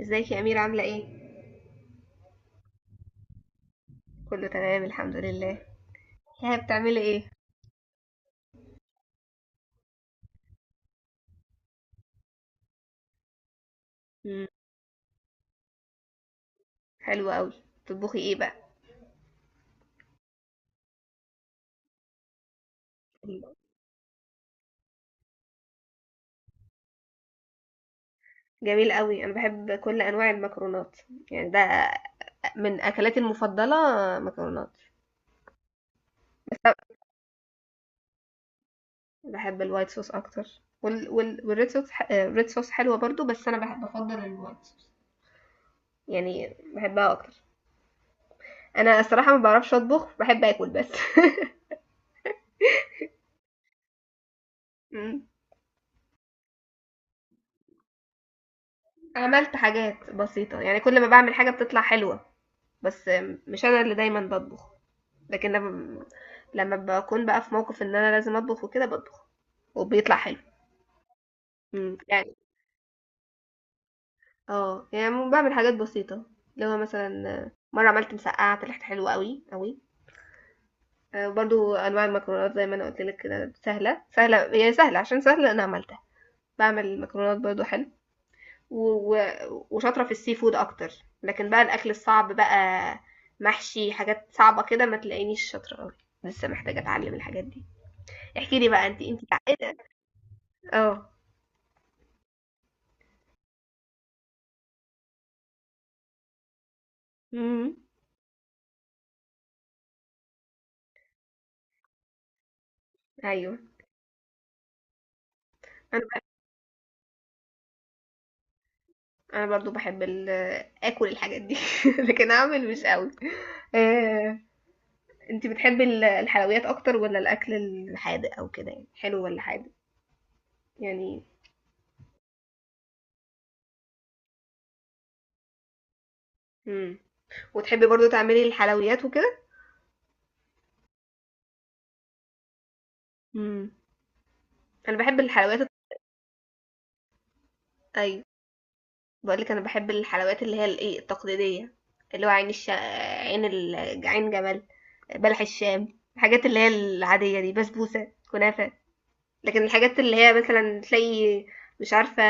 ازيك يا أميرة عاملة ايه؟ كله تمام الحمد لله. ها بتعملي ايه؟ مم. حلوة قوي. بتطبخي ايه بقى؟ جميل قوي، انا بحب كل انواع المكرونات، يعني ده من اكلاتي المفضلة، مكرونات. بحب الوايت صوص اكتر والريد صوص ح... آه، الريد صوص حلوة برضو، بس انا بحب، بفضل الوايت صوص، يعني بحبها اكتر. انا الصراحة ما بعرفش اطبخ، بحب اكل بس. مم. عملت حاجات بسيطة، يعني كل ما بعمل حاجة بتطلع حلوة، بس مش انا اللي دايما بطبخ، لكن لما باكون بقى في موقف ان انا لازم اطبخ وكده بطبخ، وبيطلع حلو. يعني، اه يعني بعمل حاجات بسيطة، اللي هو مثلا، مرة عملت مسقعة طلعت حلوة قوي قوي. برضو انواع المكرونات زي ما انا قلت لك كده سهلة، سهلة هي، سهلة عشان سهلة انا عملتها، بعمل مكرونات برضو حلو، وشاطرة في السي فود اكتر. لكن بقى الاكل الصعب بقى، محشي، حاجات صعبة كده ما تلاقينيش شاطرة قوي، لسه محتاجة اتعلم الحاجات دي. احكي لي بقى انت تعقدة. اه. امم. ايوه. انا انا برضو بحب اكل الحاجات دي. لكن اعمل مش قوي. آه، انت بتحبي الحلويات اكتر ولا الاكل الحادق، او كده يعني، حلو ولا حادق؟ يعني. امم وتحبي برضو تعملي الحلويات وكده؟ امم انا بحب الحلويات. ايوه. بقولك انا بحب الحلويات اللي هي الايه التقليديه، اللي هو عين جمل، بلح الشام، الحاجات اللي هي العاديه دي، بسبوسه، كنافه. لكن الحاجات اللي هي مثلا تلاقي، مش عارفة،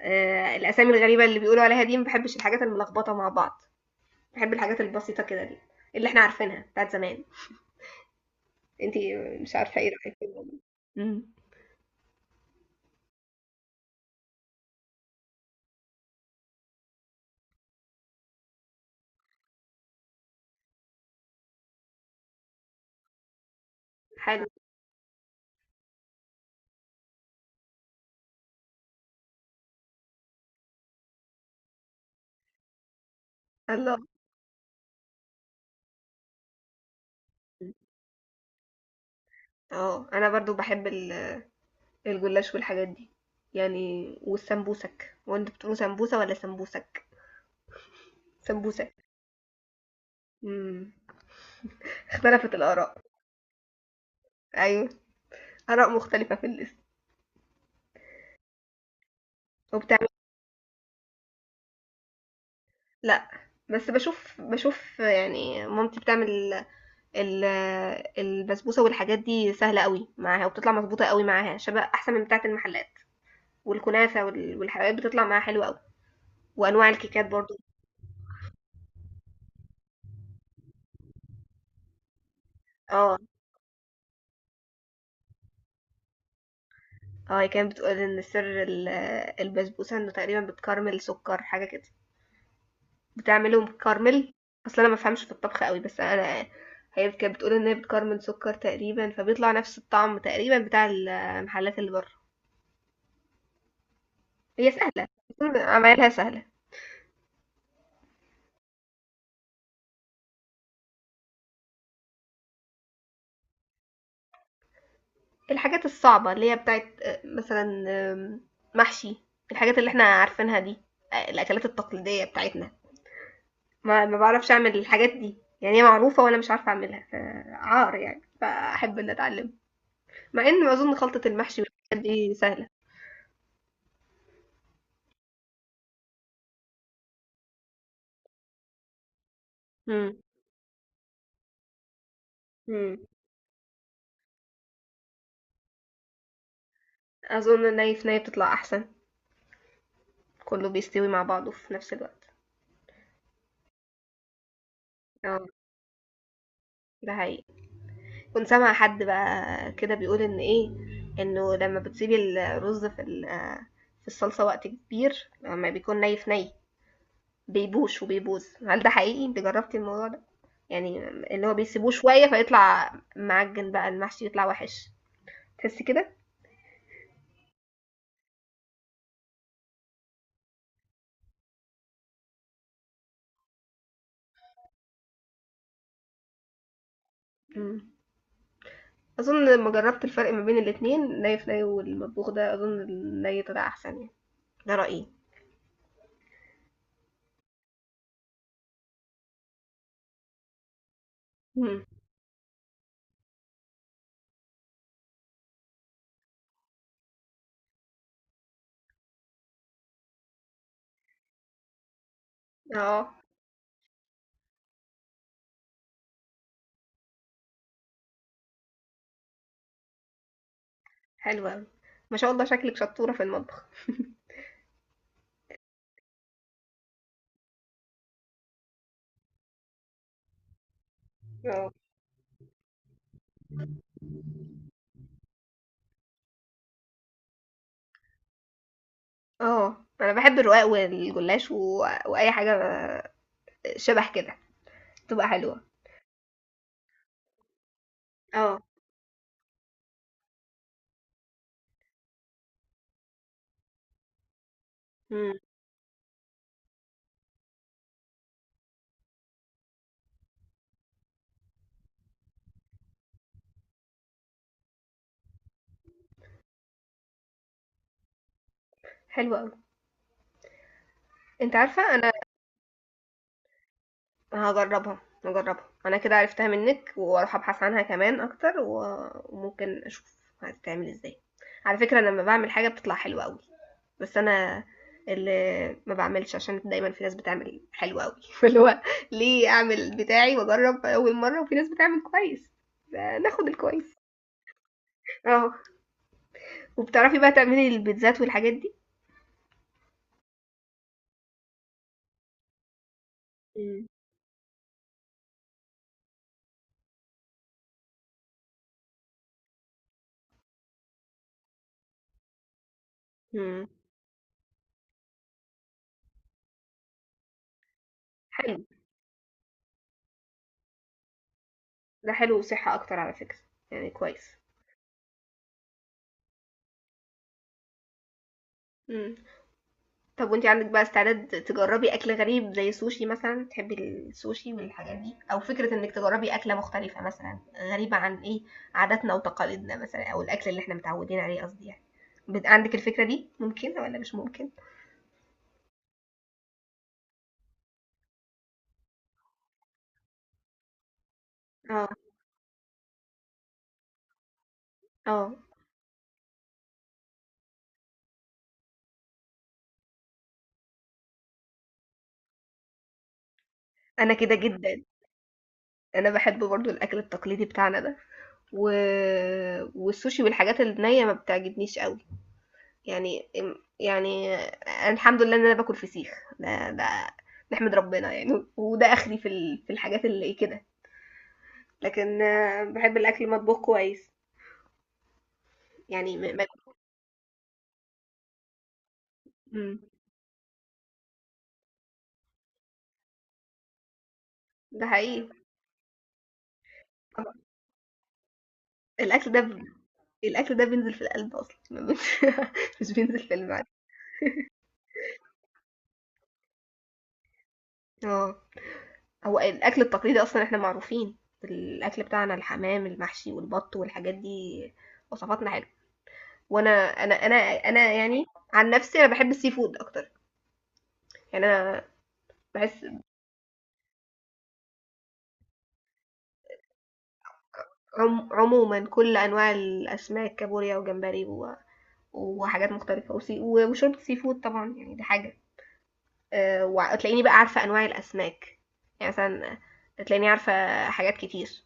الأسامي الغريبة اللي بيقولوا عليها دي، ما بحبش الحاجات الملخبطة مع بعض، بحب الحاجات البسيطة كده دي، اللي احنا عارفينها بتاعت زمان. انتي، مش عارفة ايه رأيك في الموضوع؟ امم. حلو. الله. اه. انا برضو بحب الجلاش والحاجات دي، يعني، والسمبوسك. وانت بتقولوا سمبوسة ولا سمبوسك؟ سمبوسك. امم. اختلفت الآراء. ايوه، آراء مختلفة في الاسم. وبتاع. لأ، بس باشوف، باشوف، يعني مامتي بتعمل ال- البسبوسة والحاجات دي، سهلة أوي معاها، وبتطلع مضبوطة أوي معاها شبه أحسن من بتاعة المحلات، والكنافة والحلويات بتطلع معاها حلوة أوي، وأنواع الكيكات برضه. اه. اه، هي كانت بتقول إن سر البسبوسة إنه تقريبا بتكرمل سكر حاجة كده، بتعمله مكرمل. أصل أنا مفهمش في الطبخ أوي، بس أنا، هي كانت بتقول إن هي بتكرمل سكر تقريبا، فبيطلع نفس الطعم تقريبا بتاع المحلات اللي بره، هي سهلة، الفول عمايلها سهلة. الحاجات الصعبة اللي هي بتاعت مثلا، آم، محشي، الحاجات اللي احنا عارفينها دي، الأكلات التقليدية بتاعتنا، ما بعرفش أعمل الحاجات دي، يعني هي معروفة وأنا مش عارفة أعملها، فعار يعني، فأحب إن أتعلم، مع إن أظن خلطة المحشي والحاجات دي سهلة. مم. مم. أظن الني في ني بتطلع أحسن، كله بيستوي مع بعضه في نفس الوقت. اه، ده حقيقي. كنت سامعة حد بقى كده بيقول ان ايه، انه لما بتسيبي الرز في الصلصة وقت كبير لما بيكون ني في ني، بيبوش وبيبوظ. هل ده حقيقي؟ انت جربتي الموضوع ده، يعني اللي هو بيسيبوه شوية فيطلع معجن بقى المحشي، يطلع وحش، تحسي كده؟ مم. اظن لما جربت الفرق ما بين الاتنين، ني في ني والمطبوخ ده، اظن الني طلع احسن، يعني ده رأيي. مم. اه. حلوة أوي. ما شاء الله، شكلك شطورة في المطبخ. اه. اه، انا بحب الرقاق والجلاش واي حاجه شبه كده تبقى حلوه. اه. امم. حلوه قوي. انت عارفه انا هجربها، هجربها، انا كده عرفتها منك، واروح ابحث عنها كمان اكتر، وممكن اشوف هتتعمل ازاي. على فكره، أنا لما بعمل حاجه بتطلع حلوه قوي، بس انا اللي ما بعملش عشان دايما في ناس بتعمل حلو قوي اللي هو، ليه اعمل بتاعي واجرب اول مره وفي ناس بتعمل كويس، ناخد الكويس. اه. وبتعرفي بقى تعملي البيتزات والحاجات دي؟ مم. مم. حلو، ده حلو وصحة اكتر على فكرة، يعني كويس. مم. طب وانت عندك بقى استعداد تجربي اكل غريب زي السوشي مثلا؟ تحبي السوشي والحاجات دي، او فكرة انك تجربي اكلة مختلفة مثلا، غريبة عن ايه، عاداتنا وتقاليدنا مثلا، او الاكل اللي احنا متعودين عليه قصدي يعني، عندك الفكرة دي ممكنة ولا مش ممكن؟ اه. اه، انا كده جدا، انا بحب برضو الاكل التقليدي بتاعنا ده، و... والسوشي والحاجات النية ما بتعجبنيش قوي، يعني، يعني، الحمد لله ان انا باكل فسيخ، ده نحمد ربنا، يعني وده اخري في الحاجات اللي كده، لكن بحب الاكل مطبوخ كويس، يعني ما. مم. ده حقيقي. طبعا. الاكل ده ب... الاكل ده بينزل في القلب اصلا ما بي- مش بينزل في المعده. اه. هو الاكل التقليدي اصلا احنا معروفين، الاكل بتاعنا الحمام المحشي والبط والحاجات دي، وصفاتنا حلوه. وانا انا انا انا يعني، عن نفسي انا بحب السي فود اكتر، يعني انا، بس عموما كل انواع الاسماك، كابوريا وجمبري وحاجات مختلفه، وشوربه سي فود طبعا، يعني دي حاجه. أه، وتلاقيني بقى عارفه انواع الاسماك، يعني مثلا تلاقيني عارفه حاجات كتير،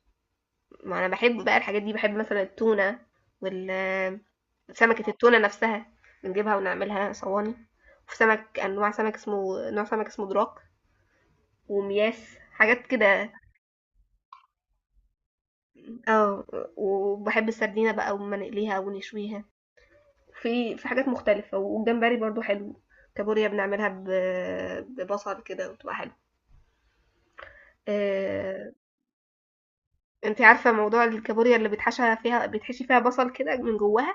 ما انا بحب بقى الحاجات دي، بحب مثلا التونه وال سمكه التونه نفسها، بنجيبها ونعملها صواني. وفي سمك، انواع سمك اسمه، نوع سمك اسمه دراك، ومياس، حاجات كده. اه. وبحب السردينه بقى، وما نقليها ونشويها، في حاجات مختلفة، والجمبري برضو حلو، كابوريا بنعملها ببصل كده وتبقى حلو. آه، انت عارفة موضوع الكابوريا اللي بيتحشى فيها، بيتحشي فيها بصل كده من جواها،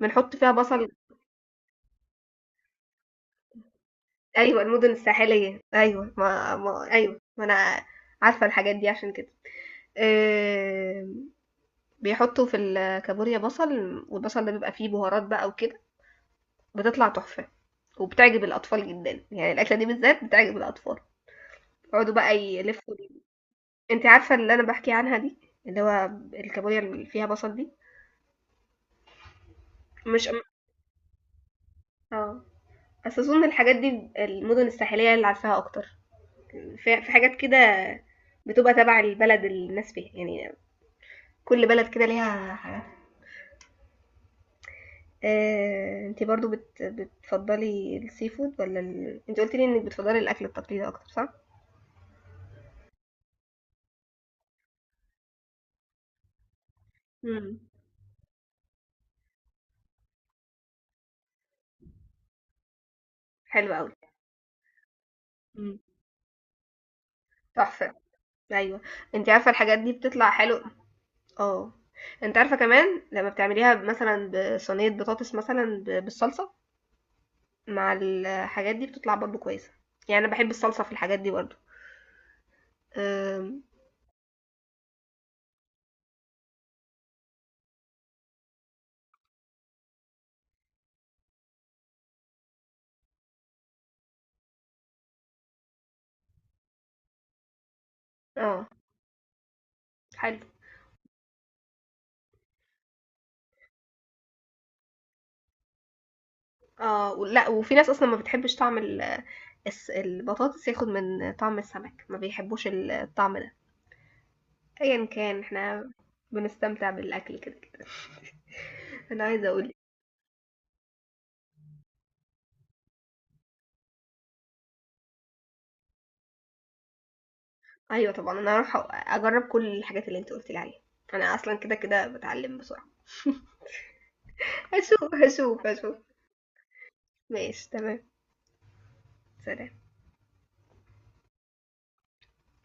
بنحط فيها بصل. ايوه، المدن الساحلية، ايوه، ما ايوه، ما انا عارفة الحاجات دي عشان كده. آه، بيحطوا في الكابوريا بصل، والبصل ده بيبقى فيه بهارات بقى وكده، بتطلع تحفة، وبتعجب الأطفال جدا، يعني الأكلة دي بالذات بتعجب الأطفال، يقعدوا بقى يلفوا. أنتِ عارفة اللي أنا باحكي عنها دي، اللي هو الكابوريا اللي فيها بصل دي؟ مش م آه، بس أظن الحاجات دي، المدن الساحلية هي اللي عارفاها أكتر، في حاجات كده بتبقى تبع البلد اللي الناس فيها، يعني كل بلد كده ليها حاجات. أنتِ برضه بتفضّلي الseafood والّا أنتِ قُلتِ لي إنِّك بتفضّلي الأكل التقليدي أكتر، صح؟ إمم، حلو أوي، إمم، تحفة، أيوه. أنتِ عارفة الحاجات دي بتطلع حلو، آه. أنتِ عارفة كمان لمّا بتعمليها مثلًا بصينية بطاطس مثلًا بالصلصة مع الحاجات دي، بتطلع برضه كويسة، يعني أنا باحب الصلصة في الحاجات دي برضه. آمم، آه، حلو. ولأ، وفي ناس أصلًا ما بتحبش طعم ال الس البطاطس، ياخد من طعم السمك، ما بيحبوش الطعم ده، أيًا كان إحنا بنستمتع بالأكل كده، كده. أنا عايزة أقول لِك، أيوه طبعًا، أنا هاروح أجرّب كل الحاجات اللي أنتِ قُلتِ لي عليها، أنا أصلًا كده، كده باتعلم بسرعة. هاشوف، هاشوف، هاشوف. ماشي تمام. سلام.